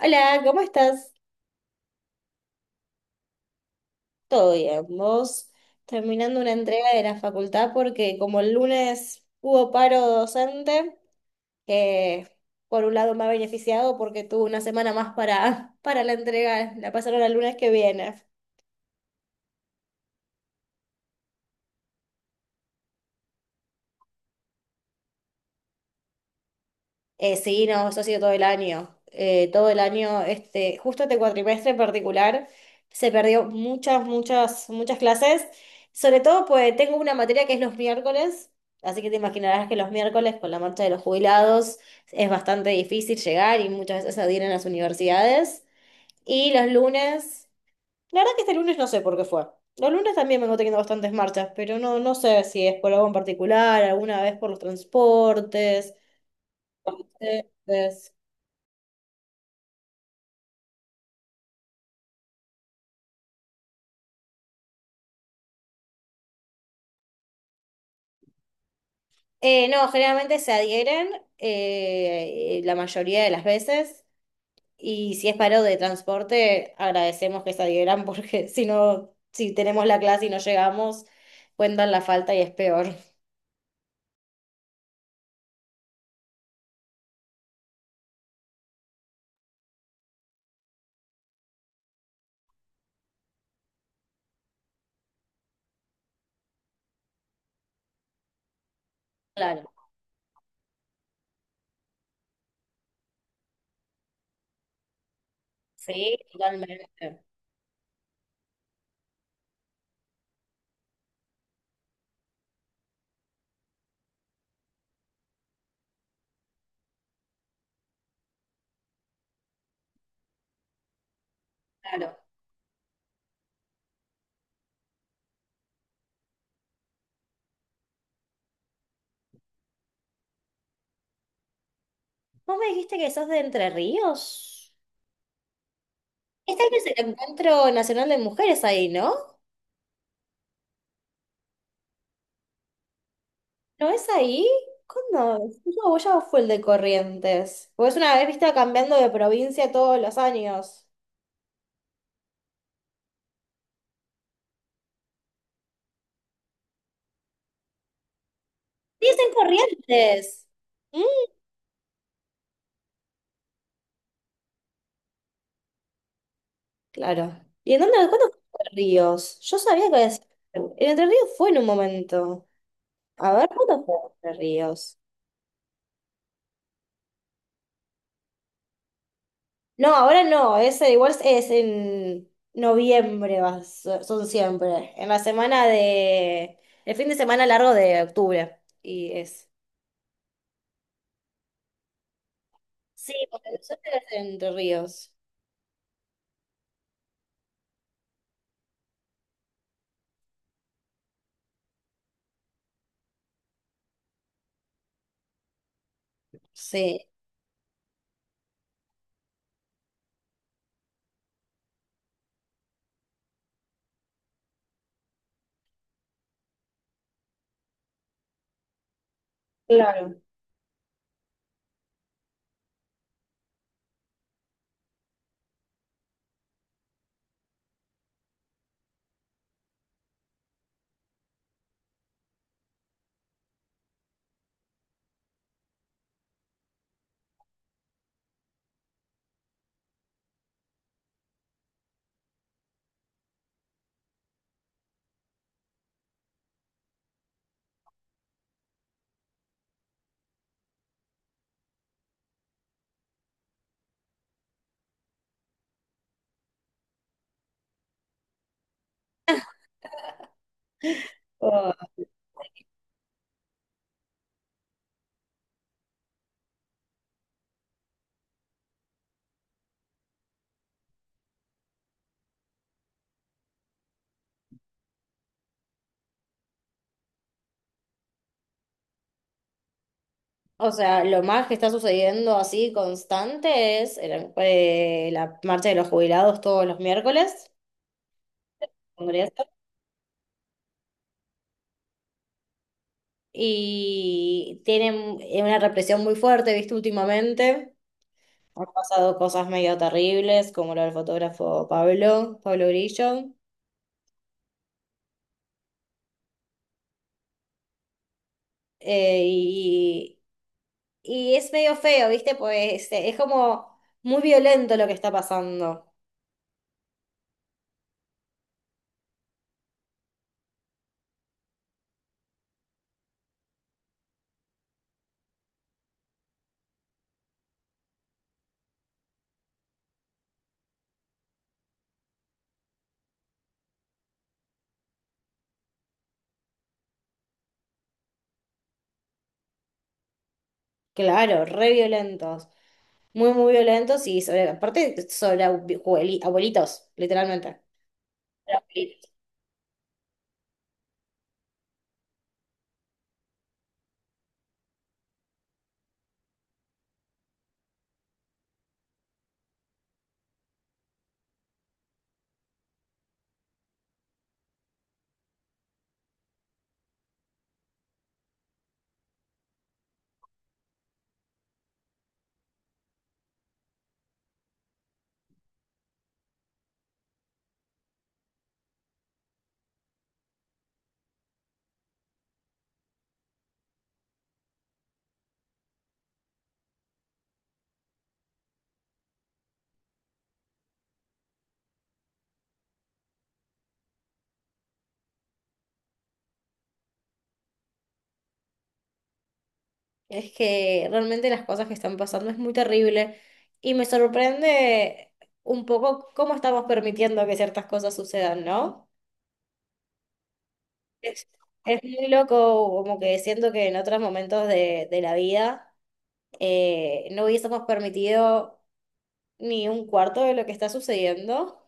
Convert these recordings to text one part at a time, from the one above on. Hola, ¿cómo estás? Todo bien. Vos terminando una entrega de la facultad porque como el lunes hubo paro docente, que por un lado me ha beneficiado porque tuve una semana más para, para la entrega, la pasaron al lunes que viene. Sí, no, eso ha sido todo el año. Todo el año, este, justo este cuatrimestre en particular, se perdió muchas, muchas, muchas clases. Sobre todo, pues tengo una materia que es los miércoles, así que te imaginarás que los miércoles, con la marcha de los jubilados, es bastante difícil llegar y muchas veces adir en las universidades. Y los lunes, la verdad que este lunes no sé por qué fue. Los lunes también vengo teniendo bastantes marchas, pero no, no sé si es por algo en particular, alguna vez por los transportes. Entonces. No, generalmente se adhieren la mayoría de las veces y si es paro de transporte, agradecemos que se adhieran porque si no, si tenemos la clase y no llegamos, cuentan la falta y es peor. Claro, sí, totalmente. Claro. ¿Vos me dijiste que sos de Entre Ríos? Este año es el Encuentro Nacional de Mujeres ahí, ¿no? ¿No es ahí? ¿Cuándo? No, vos ya fue el de Corrientes. Porque es una vez, viste, cambiando de provincia todos los años. Sí, es en Corrientes. Mm, Claro. ¿Y en dónde? ¿Cuántos Ríos? Yo sabía que el Entre Ríos fue en un momento. A ver, ¿cuándo fue Entre Ríos? No, ahora no, ese igual es en noviembre, va, son siempre. En la semana de... El fin de semana largo de octubre. Y es. Sí, porque nosotros es en Entre Ríos. Sí. Claro. O sea, lo más que está sucediendo así constante es la marcha de los jubilados todos los miércoles, Congreso, y tienen una represión muy fuerte, ¿viste? Últimamente han pasado cosas medio terribles, como lo del fotógrafo Pablo Grillo, eh, y, y es medio feo, ¿viste? Pues es como muy violento lo que está pasando. Claro, re violento. Muy, muy violentos y sobre, aparte sobre abuelitos, literalmente. Sobre abuelitos. Es que realmente las cosas que están pasando es muy terrible y me sorprende un poco cómo estamos permitiendo que ciertas cosas sucedan, ¿no? Es, es muy loco, como que siento que en otros momentos de la vida no hubiésemos permitido ni un cuarto de lo que está sucediendo.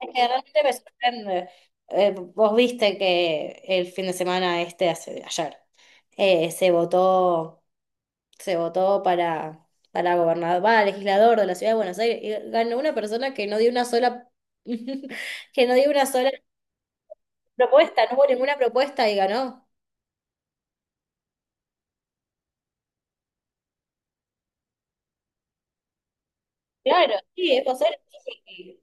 Es que realmente me sorprende. Vos viste que el fin de semana este, hace, ayer, eh, se votó, se votó para gobernador, va, legislador de la ciudad de Buenos Aires, y ganó una persona que no dio una sola, que no dio una sola propuesta, no hubo ninguna propuesta y ganó. Claro, sí, es posible. Sí.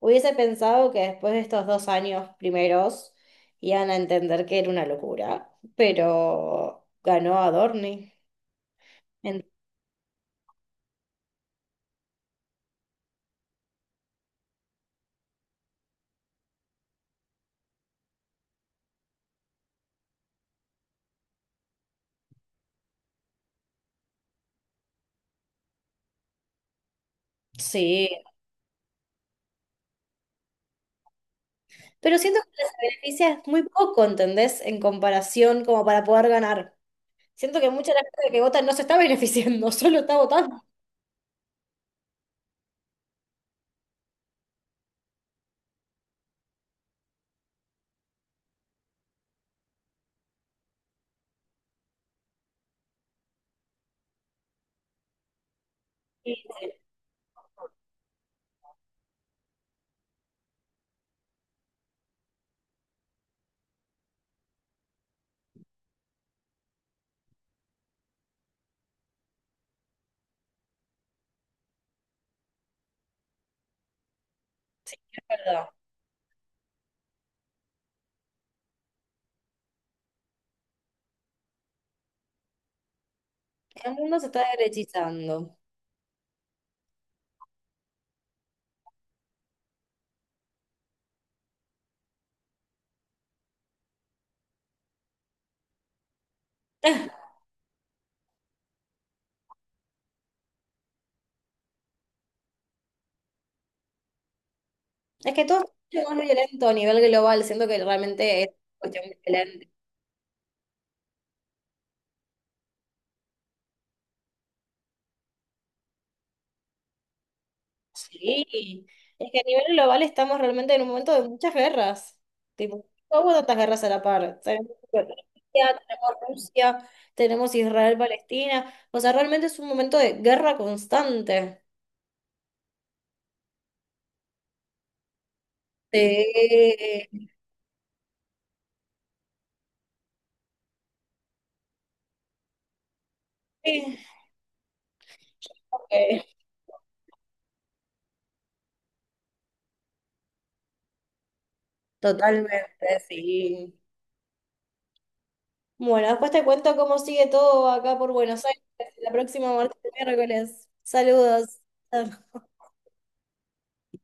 Hubiese pensado que después de estos dos años primeros iban a entender que era una locura, pero ganó Adorni. Sí, pero siento que les beneficia muy poco, ¿entendés? En comparación como para poder ganar. Siento que mucha de la gente que vota no se está beneficiando, solo está votando. Sí, sí, sí, es verdad. El mundo se está derechizando. Es que todo es mucho más violento a nivel global, siento que realmente es cuestión de violencia. Sí, es que a nivel global estamos realmente en un momento de muchas guerras. Tipo, no hubo tantas guerras a la par. Tenemos Turquía, tenemos Rusia, tenemos Israel, Palestina. O sea, realmente es un momento de guerra constante. Sí, sí, ok. Totalmente, sí. Bueno, después te cuento cómo sigue todo acá por Buenos Aires la próxima martes y miércoles. Saludos.